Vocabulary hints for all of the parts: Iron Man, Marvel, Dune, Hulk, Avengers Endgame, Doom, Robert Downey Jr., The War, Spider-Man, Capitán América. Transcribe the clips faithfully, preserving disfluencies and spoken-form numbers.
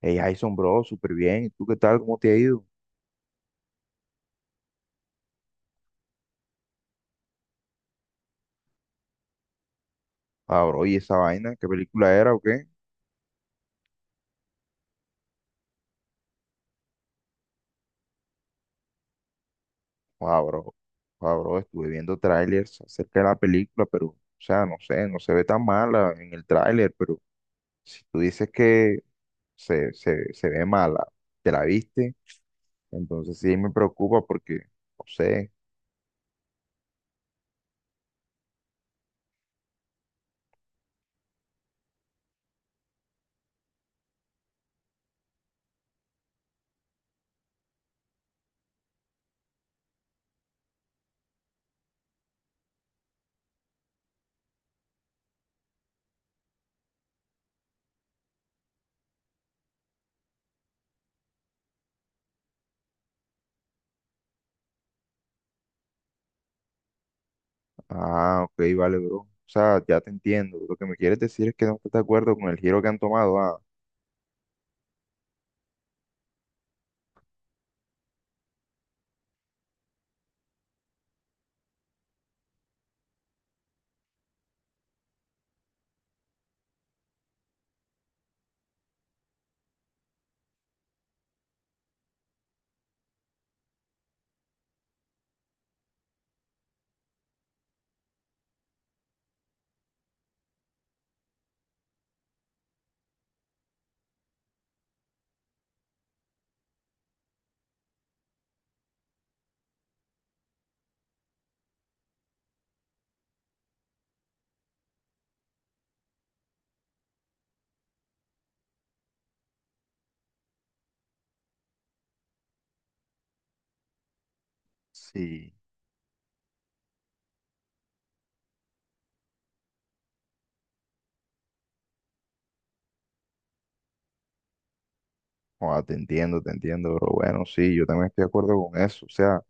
Hey, Jason, bro, súper bien. ¿Y tú qué tal? ¿Cómo te ha ido? Ah, bro, ¿y esa vaina? ¿Qué película era o qué? Ah, bro, ah, bro, estuve viendo trailers acerca de la película, pero, o sea, no sé, no se ve tan mala en el tráiler, pero si tú dices que se, se, se ve mala, ¿te la viste? Entonces sí me preocupa porque, no sé. Ah, ok, vale, bro. O sea, ya te entiendo. Lo que me quieres decir es que no estás de acuerdo con el giro que han tomado. Ah, sí. Joda, te entiendo, te entiendo, pero bueno, sí, yo también estoy de acuerdo con eso. O sea,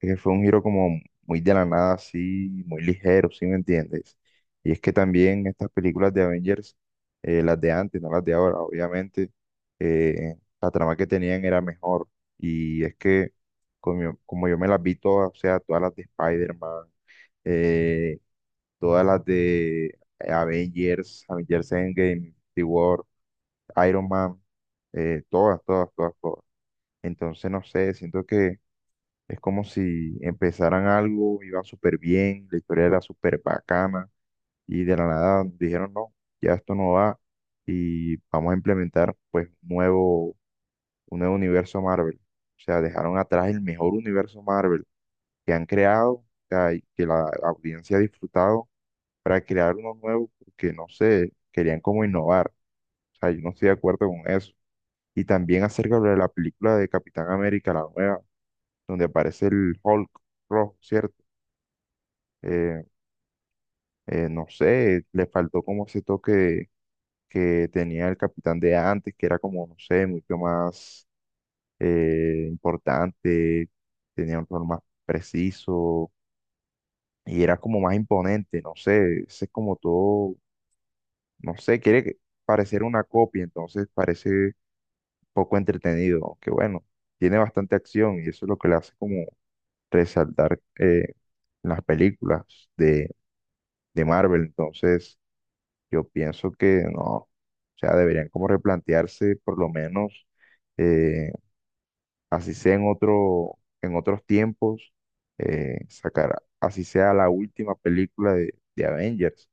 es que fue un giro como muy de la nada, así, muy ligero, ¿sí me entiendes? Y es que también estas películas de Avengers, eh, las de antes, no las de ahora, obviamente, eh, la trama que tenían era mejor. Y es que, como yo, como yo me las vi todas, o sea, todas las de Spider-Man, eh, todas las de eh, Avengers, Avengers Endgame, The War, Iron Man, eh, todas, todas, todas, todas. Entonces, no sé, siento que es como si empezaran algo, iban súper bien, la historia era súper bacana y de la nada dijeron, no, ya esto no va y vamos a implementar pues un nuevo, un nuevo universo Marvel. O sea, dejaron atrás el mejor universo Marvel que han creado, o sea, y que la audiencia ha disfrutado para crear uno nuevo porque, no sé, querían como innovar. O sea, yo no estoy de acuerdo con eso. Y también acerca de la película de Capitán América, la nueva, donde aparece el Hulk rojo, ¿cierto? Eh, eh, no sé, le faltó como ese toque que tenía el capitán de antes, que era como, no sé, mucho más eh, importante, tenía un rol más preciso y era como más imponente, no sé, ese es como todo, no sé, quiere que- parecer una copia, entonces parece poco entretenido, aunque bueno, tiene bastante acción y eso es lo que le hace como resaltar eh, las películas de de Marvel. Entonces, yo pienso que no, o sea, deberían como replantearse por lo menos, eh, así sea en otro, en otros tiempos, eh, sacar, así sea la última película de, de Avengers.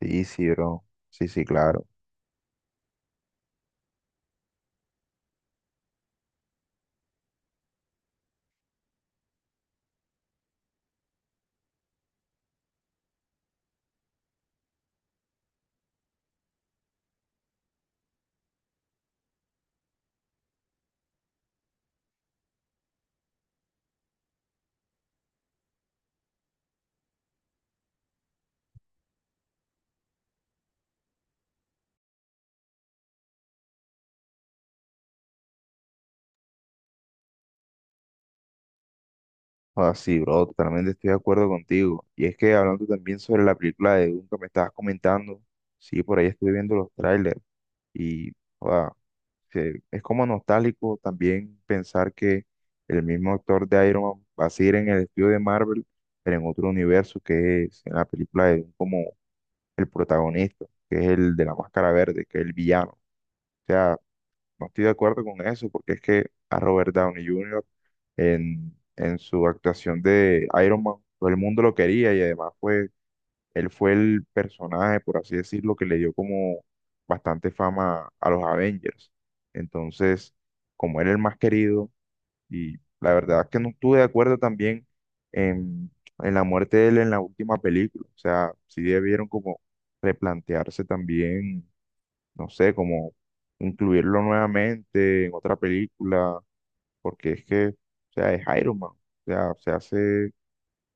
Sí, sí, bro. Sí, sí, claro. Ah, sí, bro, totalmente estoy de acuerdo contigo. Y es que hablando también sobre la película de Dune que me estabas comentando, sí, por ahí estuve viendo los trailers y, joda, se- es como nostálgico también pensar que el mismo actor de Iron Man va a seguir en el estudio de Marvel, pero en otro universo que es en la película de Doom como el protagonista, que es el de la máscara verde, que es el villano. O sea, no estoy de acuerdo con eso, porque es que a Robert Downey junior en, en su actuación de Iron Man, todo el mundo lo quería y además fue él fue el personaje, por así decirlo, que le dio como bastante fama a los Avengers. Entonces, como era el más querido, y la verdad es que no estuve de acuerdo también en, en la muerte de él en la última película. O sea, sí debieron como replantearse también, no sé, como incluirlo nuevamente en otra película, porque es que, o sea, es Iron Man. O sea, se hace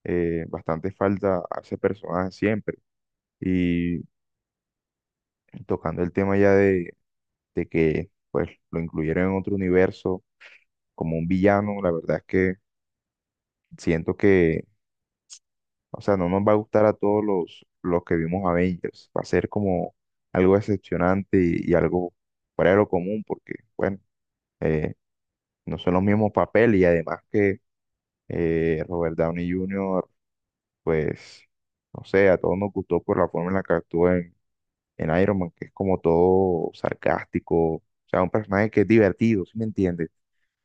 eh, bastante falta a ese personaje siempre. Y tocando el tema ya de, de que pues lo incluyeron en otro universo como un villano, la verdad es que siento que, o sea, no nos va a gustar a todos los, los que vimos Avengers, va a ser como algo decepcionante y, y algo fuera de lo común porque, bueno, eh, no son los mismos papeles y además que eh, Robert Downey junior, pues, no sé, a todos nos gustó por la forma en la que actuó en, en Iron Man, que es como todo sarcástico, o sea, un personaje que es divertido, ¿sí me entiendes?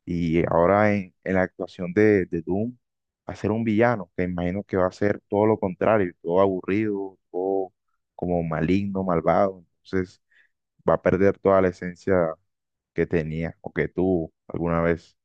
Y ahora en, en la actuación de, de Doom, va a ser un villano, que imagino que va a ser todo lo contrario, todo aburrido, todo como maligno, malvado. Entonces va a perder toda la esencia que tenía o que tuvo alguna vez.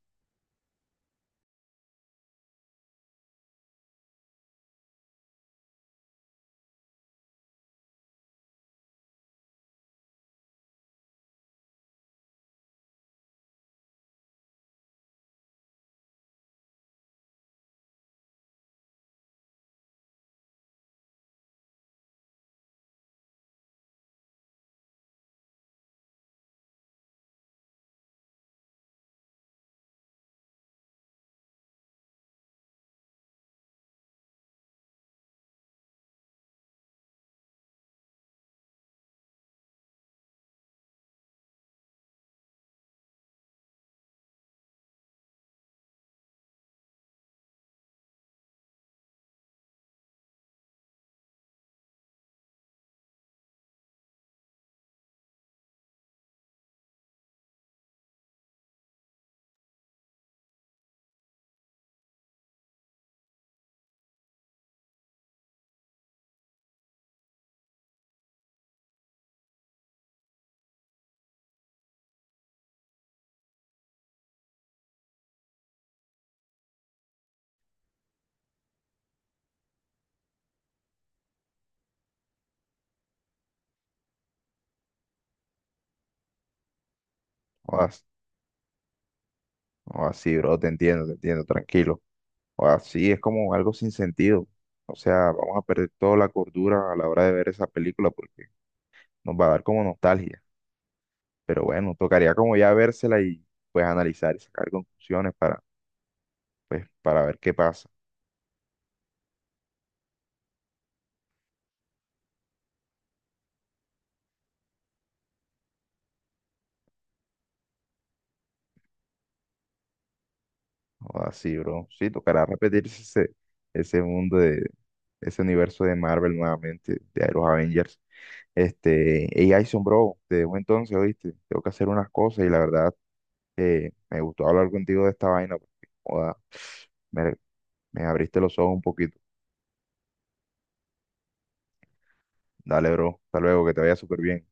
O así, bro, te entiendo, te entiendo, tranquilo. O así es como algo sin sentido. O sea, vamos a perder toda la cordura a la hora de ver esa película porque nos va a dar como nostalgia. Pero bueno, tocaría como ya vérsela y pues analizar y sacar conclusiones para pues para ver qué pasa. O así, bro. Sí, tocará repetirse ese, ese mundo de ese universo de Marvel nuevamente, de los Avengers. Este, hey, Jason, bro, te dejo entonces, ¿oíste? Tengo que hacer unas cosas y la verdad eh, me gustó hablar contigo de esta vaina porque, joda, me, me abriste los ojos un poquito. Dale, bro. Hasta luego, que te vaya súper bien.